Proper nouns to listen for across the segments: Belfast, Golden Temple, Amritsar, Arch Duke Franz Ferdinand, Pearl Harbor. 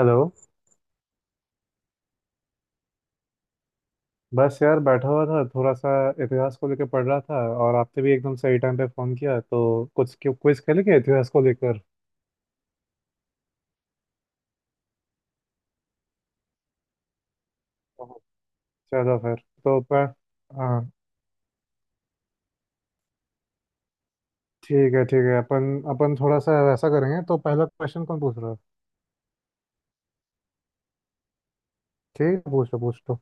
Hello. बस यार बैठा हुआ था थोड़ा सा। इतिहास को लेकर पढ़ रहा था। और आपने भी एकदम सही टाइम पे फोन किया, तो कुछ क्विज खेले क्या इतिहास को लेकर? चलो फिर। तो पर हाँ, ठीक है अपन अपन थोड़ा सा ऐसा करेंगे। तो पहला क्वेश्चन कौन पूछ रहा है? ठीक है, पूछ लो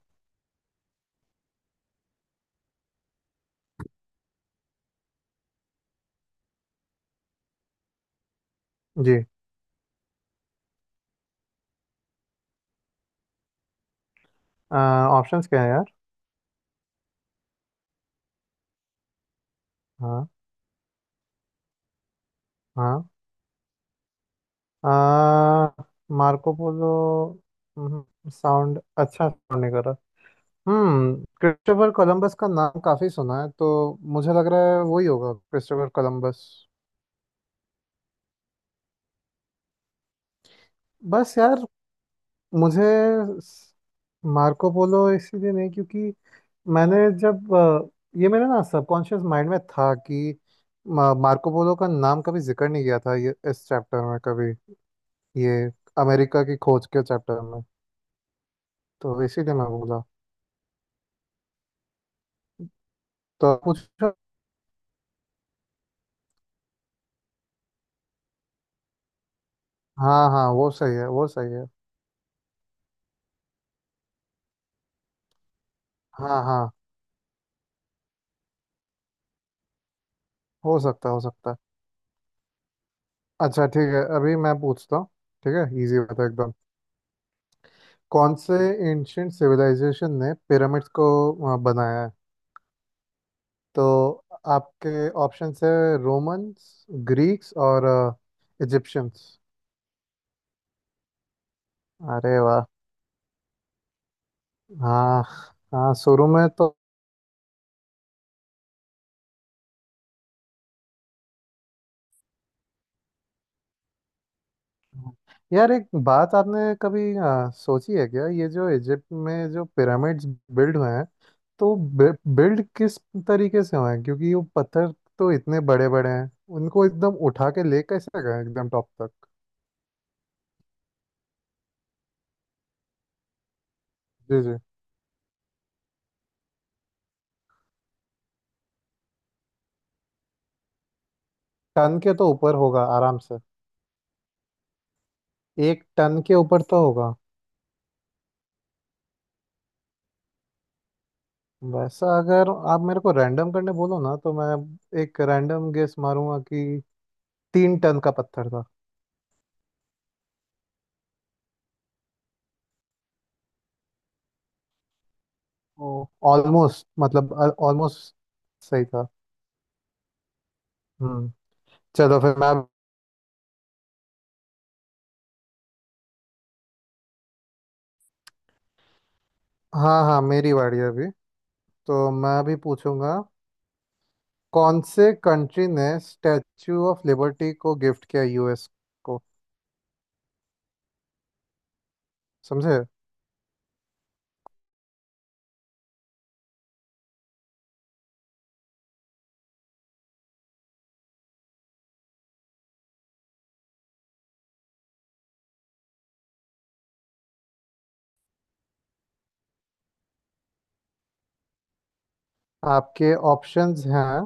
जी, ऑप्शंस क्या है यार? हाँ हाँ। आ, मार्को पोलो साउंड अच्छा sound नहीं कर रहा। हम्म। क्रिस्टोफर कोलंबस का नाम काफी सुना है, तो मुझे लग रहा है वही होगा, क्रिस्टोफर कोलंबस। बस यार, मुझे मार्को पोलो इसीलिए नहीं, क्योंकि मैंने जब ये मेरे ना सबकॉन्शियस माइंड में था कि मार्को पोलो का नाम कभी जिक्र नहीं किया था ये, इस चैप्टर में कभी, ये अमेरिका की खोज के चैप्टर में। तो इसीलिए मैं बोला। तो पूछो। हाँ हाँ, वो सही है वो सही है। हाँ हाँ। हो सकता है हो सकता है। अच्छा ठीक है, अभी मैं पूछता हूँ। ठीक है, इजी होता है एकदम। कौन से एंशियंट सिविलाइजेशन ने पिरामिड्स को बनाया है? तो आपके ऑप्शंस है, रोमन्स, ग्रीक्स और इजिप्शियंस। अरे वाह। हाँ, हाँ शुरू में तो। यार एक बात आपने कभी सोची है क्या, ये जो इजिप्ट में जो पिरामिड्स बिल्ड हुए हैं, तो बिल्ड किस तरीके से हुए हैं? क्योंकि वो पत्थर तो इतने बड़े बड़े हैं, उनको एकदम उठा के ले कैसे गए एकदम टॉप तक? जी जी। टन के तो ऊपर होगा आराम से। एक टन के ऊपर तो होगा। वैसा अगर आप मेरे को रैंडम करने बोलो ना, तो मैं एक रैंडम गेस मारूंगा कि तीन टन का पत्थर था। ओ, ऑलमोस्ट मतलब, ऑलमोस्ट सही था। हम्म। चलो फिर मैं। हाँ हाँ, मेरी बारी है अभी। तो मैं अभी पूछूंगा, कौन से कंट्री ने स्टैच्यू ऑफ लिबर्टी को गिफ्ट किया यूएस को? समझे? आपके ऑप्शंस हैं,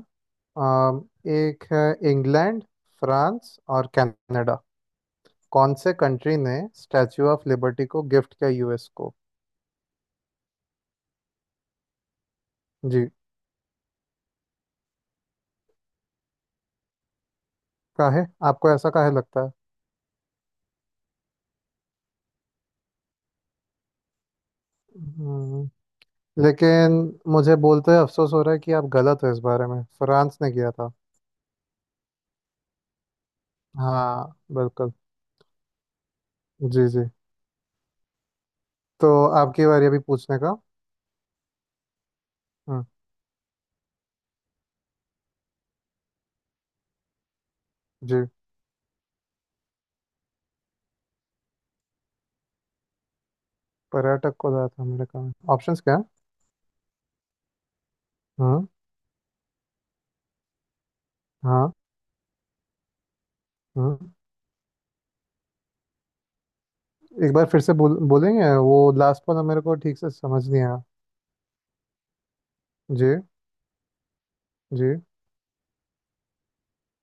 अम, एक है इंग्लैंड, फ्रांस और कनाडा। कौन से कंट्री ने स्टैच्यू ऑफ लिबर्टी को गिफ्ट किया यूएस को? जी। काहे? आपको ऐसा काहे लगता है? हम्म। लेकिन मुझे बोलते हुए अफसोस हो रहा है कि आप गलत हो इस बारे में। फ्रांस ने किया था। हाँ बिल्कुल। जी जी। तो आपकी बारी अभी पूछने का। हम्म। जी। पर्यटक को ज्यादा था मेरे काम। ऑप्शंस क्या है? हाँ हाँ हाँ। एक बार फिर से बोलेंगे, वो लास्ट वाला मेरे को ठीक से समझ नहीं आया। जी जी।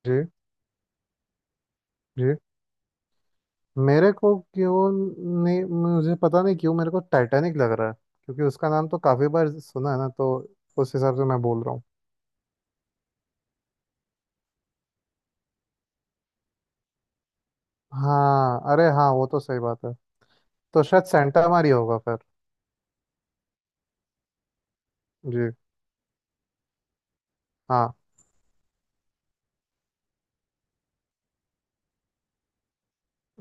जी जी। मेरे को क्यों, नहीं मुझे पता नहीं क्यों मेरे को टाइटैनिक लग रहा है, क्योंकि उसका नाम तो काफी बार सुना है ना, तो उस हिसाब से मैं बोल रहा हूँ। हाँ, अरे हाँ वो तो सही बात है। तो शायद सेंटा मारी होगा फिर। जी। हाँ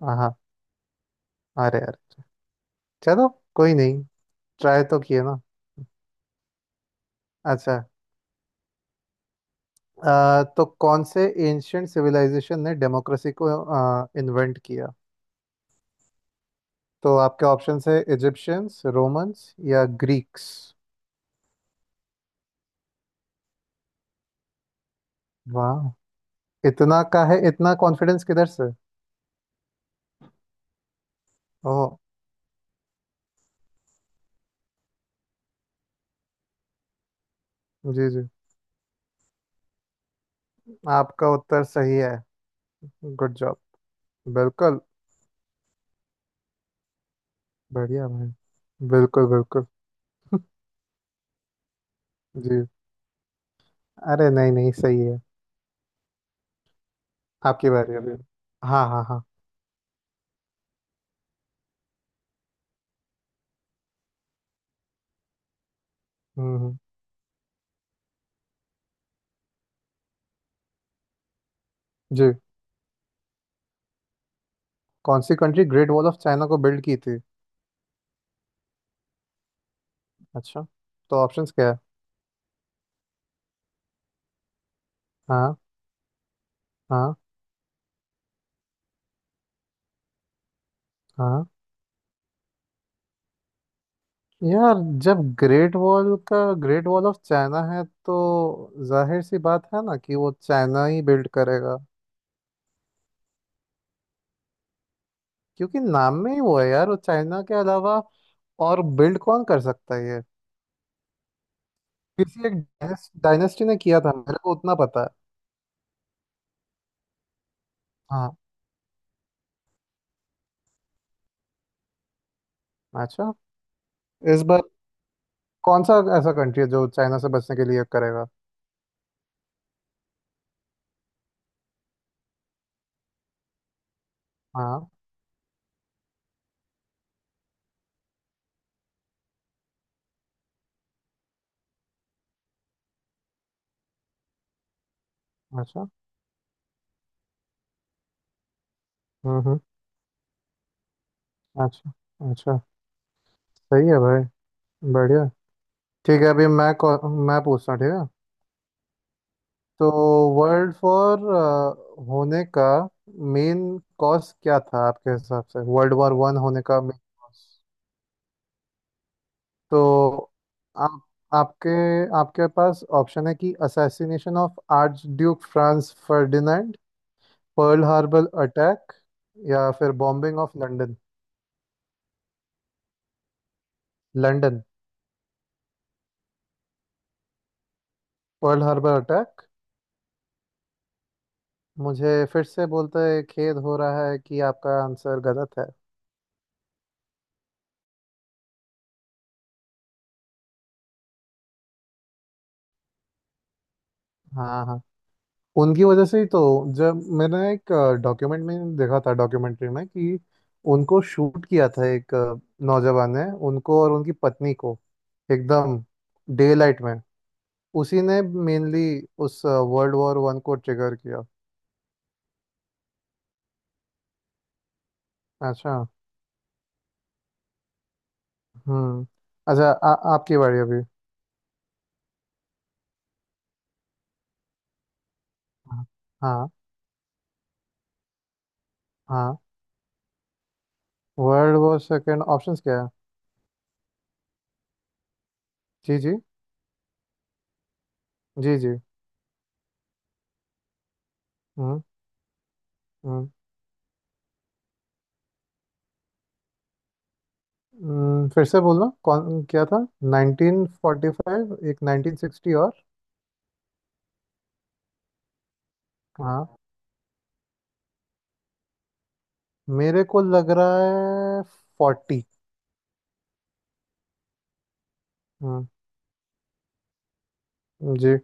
हाँ। हाँ। अरे अरे। चलो कोई नहीं, ट्राई तो किए ना। अच्छा। तो कौन से एंशियंट सिविलाइजेशन ने डेमोक्रेसी को इन्वेंट किया? तो आपके ऑप्शंस है, इजिप्शियंस, रोमन्स या ग्रीक्स। वाह, इतना का है इतना कॉन्फिडेंस किधर से? ओह। जी जी। आपका उत्तर सही है। Good job. बिल्कुल। बढ़िया भाई। बिल्कुल बिल्कुल। जी। अरे नहीं नहीं, सही है। आपकी बारी अभी। हाँ हाँ हाँ। हम्म। जी। कौन सी country Great Wall of China को बिल्ड की थी? अच्छा। तो ऑप्शंस क्या है? हाँ हाँ हाँ। यार जब ग्रेट वॉल ऑफ चाइना है तो जाहिर सी बात है ना कि वो चाइना ही बिल्ड करेगा। क्योंकि नाम में ही वो है यार, वो चाइना के अलावा और बिल्ड कौन कर सकता है ये? किसी एक डायनेस्टी ने किया था, मेरे को उतना पता है। हाँ। अच्छा। इस बार कौन सा ऐसा कंट्री है जो चाइना से बचने के लिए करेगा? हाँ। अच्छा। हम्म। अच्छा अच्छा। सही है भाई, बढ़िया। ठीक है अभी मैं मैं पूछता हूँ, ठीक है। तो वर्ल्ड वॉर होने का मेन कॉज क्या था आपके हिसाब से, वर्ल्ड वॉर वन होने का मेन कॉज? तो आप आपके आपके पास ऑप्शन है कि assassination of archduke Franz Ferdinand, Pearl Harbor attack या फिर bombing of London. London, Pearl Harbor attack, मुझे फिर से बोलते खेद हो रहा है कि आपका आंसर गलत है। हाँ हाँ, उनकी वजह से ही तो। जब मैंने एक डॉक्यूमेंट में देखा था, डॉक्यूमेंट्री में कि उनको शूट किया था एक नौजवान ने, उनको और उनकी पत्नी को, एकदम डे लाइट में। उसी ने मेनली उस वर्ल्ड वॉर वन को ट्रिगर किया। अच्छा। हम्म। अच्छा, आपकी बारी अभी। हाँ हाँ हाँ। वर्ल्ड वॉर सेकेंड ऑप्शंस क्या है? जी जी। जी जी। हम्म। हम्म। फिर से बोलना कौन क्या था? 1945 एक 1960 और हाँ। मेरे को लग रहा है फोर्टी। हम्म। जी।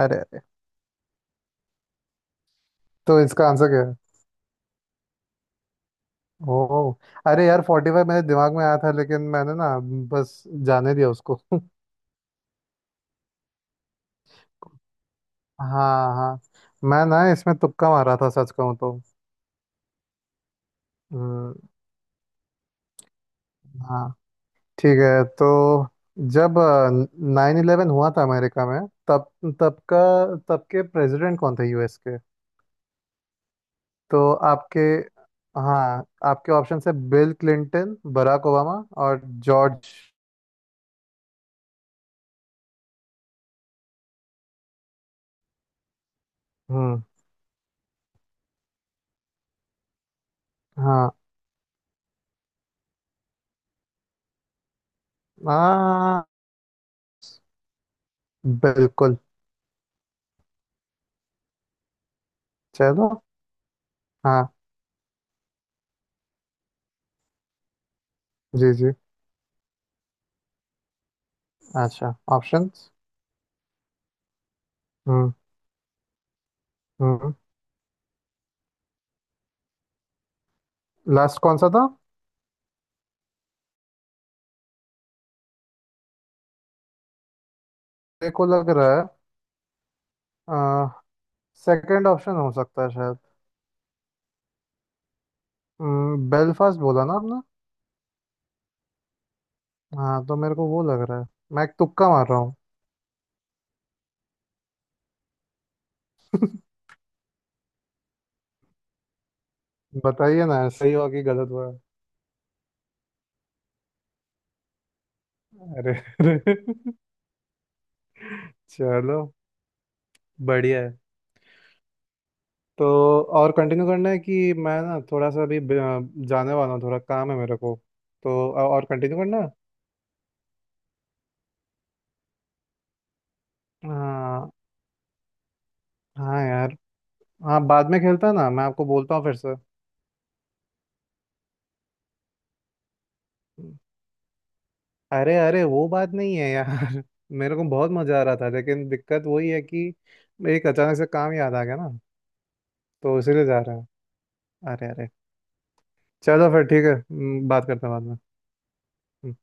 अरे अरे, तो इसका आंसर क्या है? ओ। अरे यार फोर्टी फाइव मेरे दिमाग में आया था, लेकिन मैंने ना बस जाने दिया उसको। हाँ हाँ। मैं ना इसमें तुक्का मारा था सच कहूँ तो। हम्म। हाँ ठीक है। तो जब नाइन इलेवन हुआ था अमेरिका में, तब तब का तब के प्रेसिडेंट कौन थे यूएस के? तो आपके, हाँ, आपके ऑप्शन है बिल क्लिंटन, बराक ओबामा और जॉर्ज। हम्म। हाँ हाँ, बिल्कुल। चलो। हाँ। जी जी। अच्छा ऑप्शंस। हम्म। हम्म। लास्ट कौन सा था? देखो लग रहा है सेकंड ऑप्शन हो सकता है शायद, बेलफास्ट बोला ना आपने? हाँ तो मेरे को वो लग रहा है, मैं एक तुक्का मार रहा हूँ। बताइए ना, सही हुआ कि गलत हुआ? अरे अरे। चलो, बढ़िया है। तो और कंटिन्यू करना है कि मैं ना थोड़ा सा अभी जाने वाला हूँ, थोड़ा काम है मेरे को। तो और कंटिन्यू करना है? हाँ हाँ यार। हाँ बाद में खेलता ना, मैं आपको बोलता हूँ फिर से। अरे अरे वो बात नहीं है यार। मेरे को बहुत मजा आ रहा था, लेकिन दिक्कत वही है कि एक अचानक से काम याद आ गया ना, तो इसीलिए जा रहा है। अरे अरे। चलो फिर ठीक है। बात करते हैं बाद में।